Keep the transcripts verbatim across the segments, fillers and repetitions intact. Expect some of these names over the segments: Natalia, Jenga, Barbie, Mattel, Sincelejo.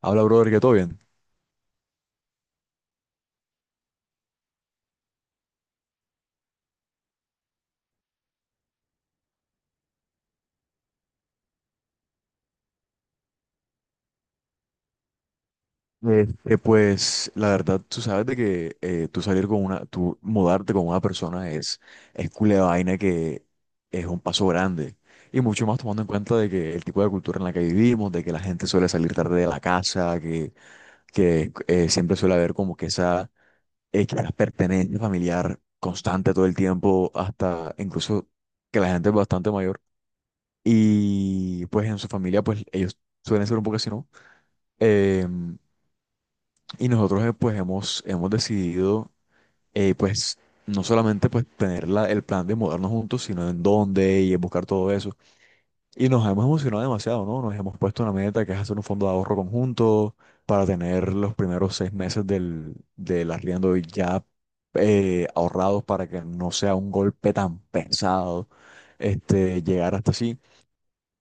Habla, brother, que todo bien. Este, pues la verdad, tú sabes de que eh, tú salir con una, tú mudarte con una persona es, es culé vaina que es un paso grande. Y mucho más tomando en cuenta de que el tipo de cultura en la que vivimos, de que la gente suele salir tarde de la casa, que, que eh, siempre suele haber como que esa eh, que la pertenencia familiar constante todo el tiempo, hasta incluso que la gente es bastante mayor. Y pues en su familia, pues ellos suelen ser un poco así, ¿no? Em, Y nosotros eh, pues hemos, hemos decidido eh, pues no solamente pues tener la- el plan de mudarnos juntos, sino en dónde y en buscar todo eso. Y nos hemos emocionado demasiado, ¿no? Nos hemos puesto una meta que es hacer un fondo de ahorro conjunto para tener los primeros seis meses del, del arriendo ya eh, ahorrados para que no sea un golpe tan pesado este, llegar hasta así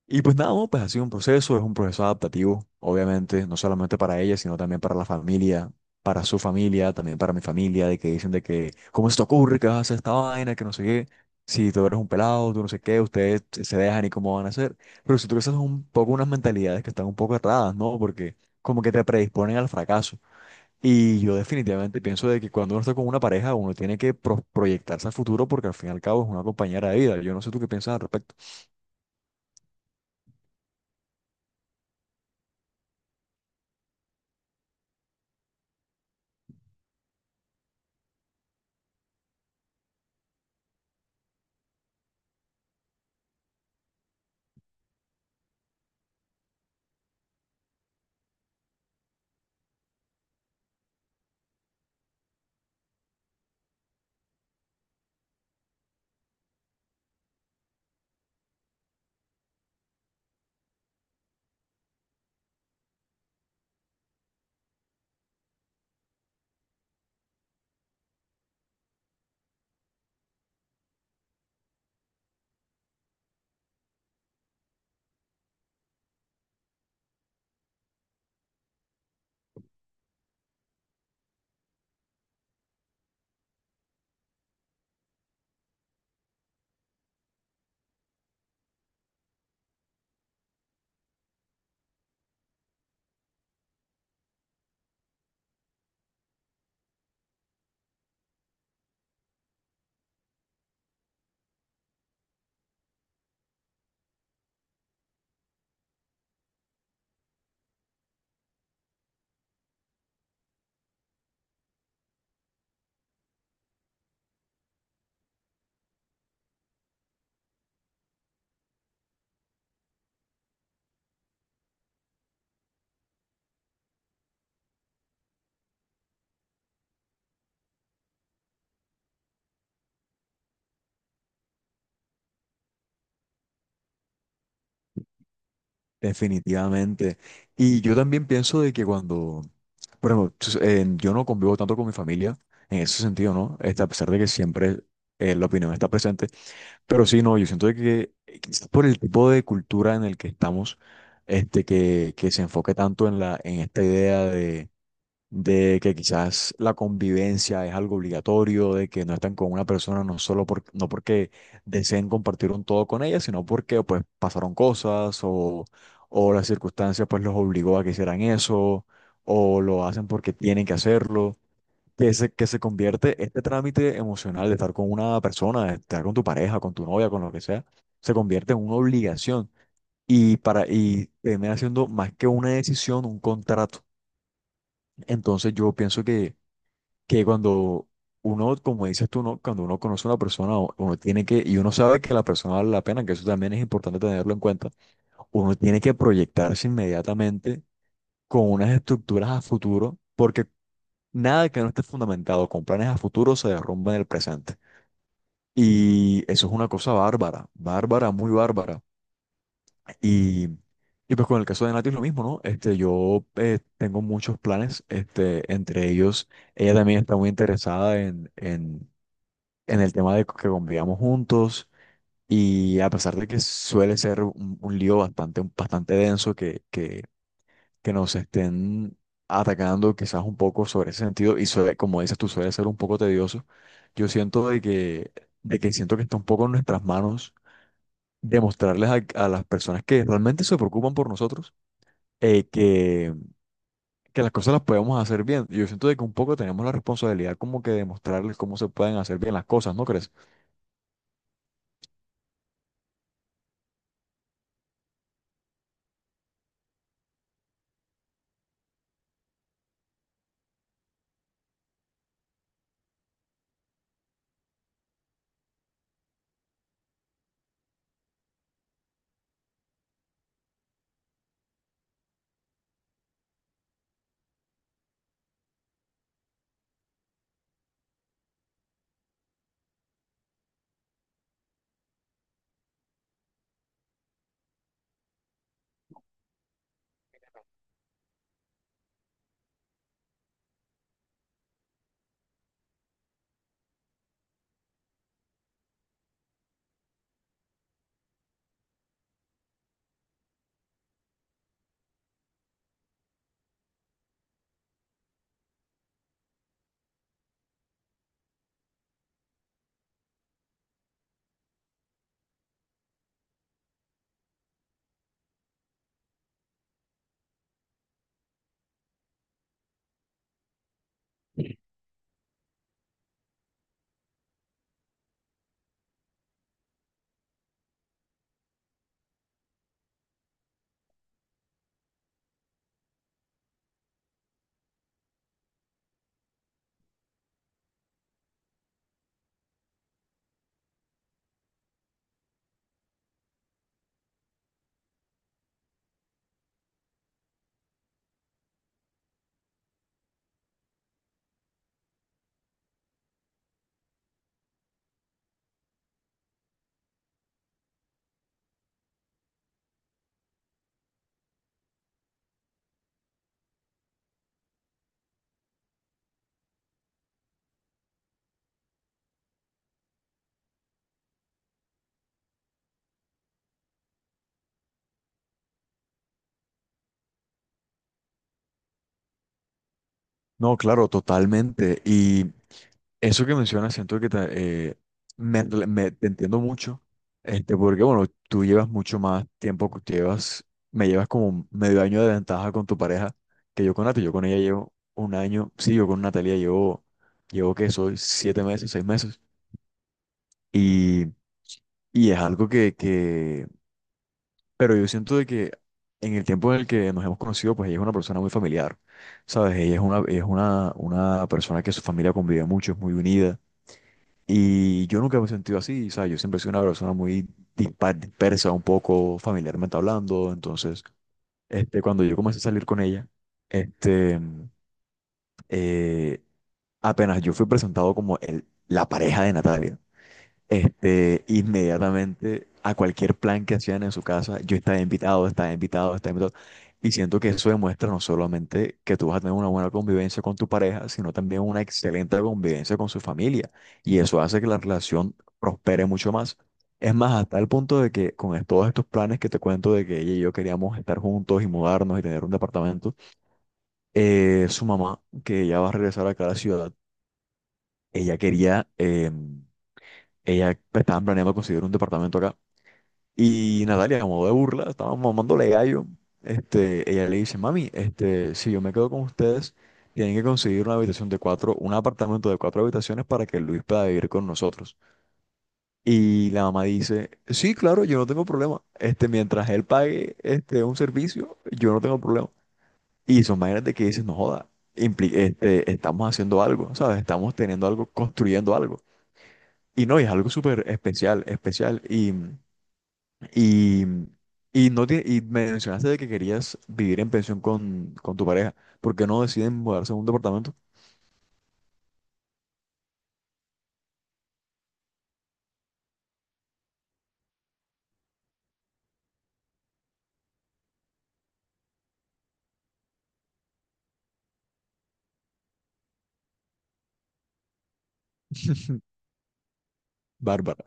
y pues nada, no, pues ha sido un proceso, es un proceso adaptativo, obviamente, no solamente para ella, sino también para la familia, para su familia, también para mi familia, de que dicen de que, ¿cómo se te ocurre que vas a hacer esta vaina, que no sé qué? Si tú eres un pelado, tú no sé qué, ustedes se dejan y cómo van a hacer. Pero si tú crees, son un poco unas mentalidades que están un poco erradas, ¿no? Porque como que te predisponen al fracaso. Y yo definitivamente pienso de que cuando uno está con una pareja, uno tiene que pro- proyectarse al futuro porque al fin y al cabo es una compañera de vida. Yo no sé tú qué piensas al respecto. Definitivamente. Y yo también pienso de que cuando, por ejemplo, tus- eh, yo no convivo tanto con mi familia, en ese sentido, ¿no? Este, a pesar de que siempre eh, la opinión está presente, pero sí, no, yo siento de que eh, quizás por el tipo de cultura en el que estamos, este, que, que se enfoque tanto en la, en esta idea de que quizás la convivencia es algo obligatorio, de que no están con una persona no solo por, no porque deseen compartir un todo con ella, sino porque pues pasaron cosas o, o las circunstancias pues los obligó a que hicieran eso o lo hacen porque tienen que hacerlo. Que se, que se convierte este trámite emocional de estar con una persona, de estar con tu pareja, con tu novia, con lo que sea, se convierte en una obligación y para y termina siendo más que una decisión, un contrato. Entonces yo pienso que que cuando uno, como dices tú, ¿no? Cuando uno conoce a una persona, o- uno tiene que, y uno sabe que la persona vale la pena, que eso también es importante tenerlo en cuenta, uno tiene que proyectarse inmediatamente con unas estructuras a futuro, porque nada que no esté fundamentado con planes a futuro se derrumba en el presente. Y eso es una cosa bárbara, bárbara, muy bárbara. Y, y pues con el caso de Nati es lo mismo, ¿no? Este, yo eh, tengo muchos planes, este, entre ellos, ella también está muy interesada en, en en el tema de que convivíamos juntos y a pesar de que suele ser un, un lío bastante, bastante denso que, que, que nos estén atacando quizás un poco sobre ese sentido y suele- como dices tú suele ser un poco tedioso, yo siento de que, de que siento que está un poco en nuestras manos demostrarles a, a las personas que realmente se preocupan por nosotros eh, que, que las cosas las podemos hacer bien. Yo siento de que un poco tenemos la responsabilidad como que demostrarles cómo se pueden hacer bien las cosas, ¿no crees? No, claro, totalmente. Y eso que mencionas, siento que te, eh, me, me- te entiendo mucho, este, porque bueno, tú llevas mucho más tiempo, que llevas, me llevas como medio año de ventaja con tu pareja que yo con Nati. Yo con ella llevo un año, sí, yo con Natalia llevo, llevo que soy siete meses, seis meses. Y, y es algo que, que, Pero yo siento de que en el tiempo en el que nos hemos conocido, pues ella es una persona muy familiar, ¿sabes? Ella es una, ella es una, una persona que su familia convive mucho, es muy unida. Y yo nunca me he sentido así, ¿sabes? Yo siempre he sido una persona muy dispar, dispersa, un poco familiarmente hablando. Entonces, este, cuando yo comencé a salir con ella, este, eh, apenas yo fui presentado como el, la pareja de Natalia. Este, inmediatamente a cualquier plan que hacían en su casa, yo estaba invitado, estaba invitado, estaba invitado. Y siento que eso demuestra no solamente que tú vas a tener una buena convivencia con tu pareja, sino también una excelente convivencia con su familia. Y eso hace que la relación prospere mucho más. Es más, hasta el punto de que con es- todos estos planes que te cuento de que ella y yo queríamos estar juntos y mudarnos y tener un departamento, eh, su mamá, que ya va a regresar acá a la ciudad, ella quería, em, ella estaba planeando conseguir un departamento acá y Natalia, a modo de burla, estaba mamándole gallo. Este, ella le dice, mami, este, si yo me quedo con ustedes, tienen que conseguir una habitación de cuatro, un apartamento de cuatro habitaciones para que Luis pueda vivir con nosotros. Y la mamá dice, sí, claro, yo no tengo problema. Este, mientras él pague, este, un servicio, yo no tengo problema. Y son maneras de que dices no joda, impli- este, estamos haciendo algo, ¿sabes? Estamos teniendo algo, construyendo algo. Y no, y es algo súper especial, especial. Y y, y, no tie- y mencionaste de que querías vivir en pensión con, con tu pareja. ¿Por qué no deciden mudarse a un departamento? Bárbara.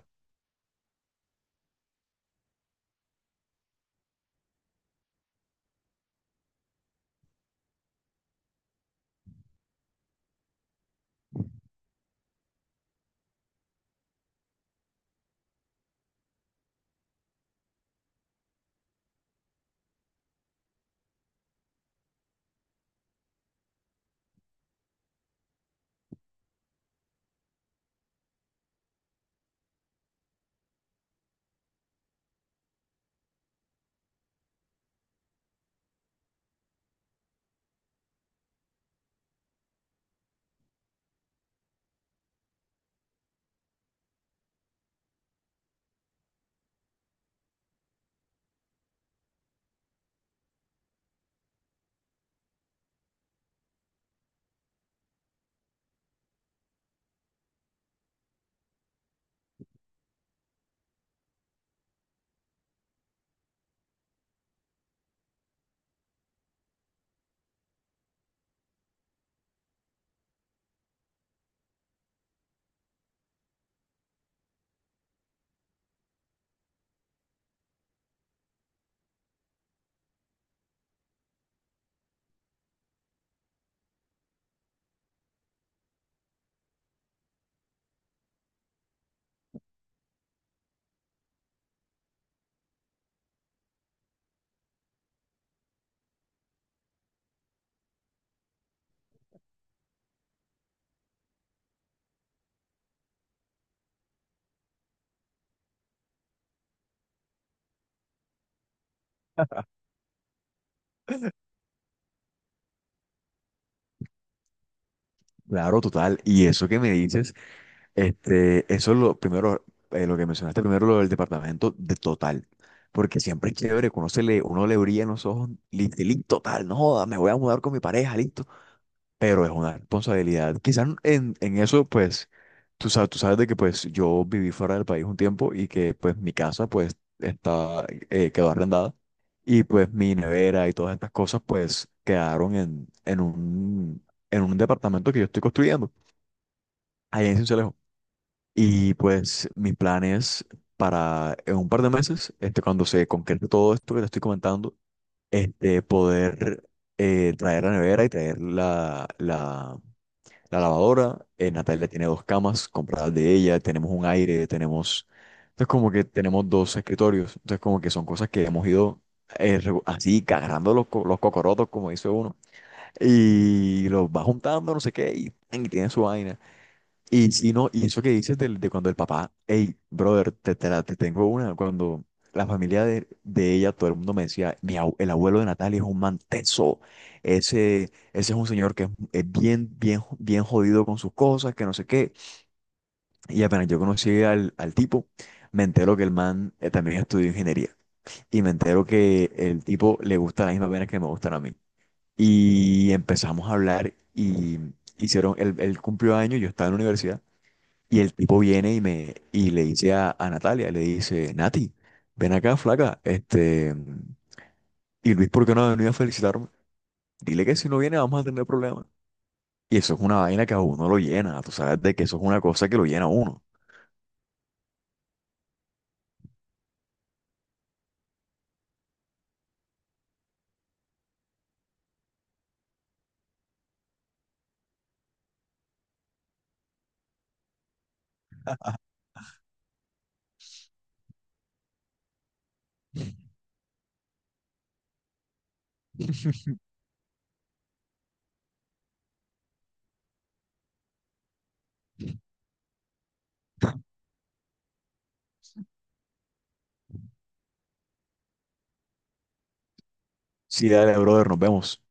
Claro, total. Y eso que me dices, este, eso es lo primero, eh, lo que mencionaste primero, lo del departamento de total. Porque siempre es chévere, que uno, se le, uno le brilla en los ojos, listo, total, no joda, me voy a mudar con mi pareja, listo. Pero es una responsabilidad. Quizás en, en eso, pues, tú sabes, tú sabes de que pues yo viví fuera del país un tiempo y que pues mi casa pues está, eh, quedó arrendada y pues mi nevera y todas estas cosas pues quedaron en, en un, en un departamento que yo estoy construyendo allá en Sincelejo. Y pues mis planes para en un par de meses, este, cuando se concrete todo esto que te estoy comentando, este, poder eh, traer la nevera y traer la, la, la lavadora, eh, Natalia tiene dos camas compradas de ella, tenemos un aire, tenemos, entonces como que tenemos dos escritorios, entonces como que son cosas que hemos ido eh, regu- así, agarrando los, co- los cocorotos, como dice uno, y los va juntando, no sé qué, y, y tiene su vaina. Y si no, y eso que dices del- de, cuando el papá, hey, brother, te, te, la- te tengo una, cuando la familia de, de ella, todo el mundo me decía, mi abue- el abuelo de Natalia es un man tenso, ese, ese es un señor que es, es bien, bien, bien jodido con sus cosas, que no sé qué. Y apenas yo conocí al, al tipo, me entero que el man eh, también estudió ingeniería. Y me entero que el tipo le gusta las mismas venas que me gustan a mí. Y empezamos a hablar y hicieron, el, el cumplió años, yo estaba en la universidad. Y el tipo viene y me y le dice a, a Natalia, le dice, Nati, ven acá, flaca, este, y Luis, ¿por qué no ha venido a felicitarme? Dile que si no viene vamos a tener problemas. Y eso es una vaina que a uno lo llena, tú sabes de que eso es una cosa que lo llena a uno. Sí, dale, brother, nos vemos.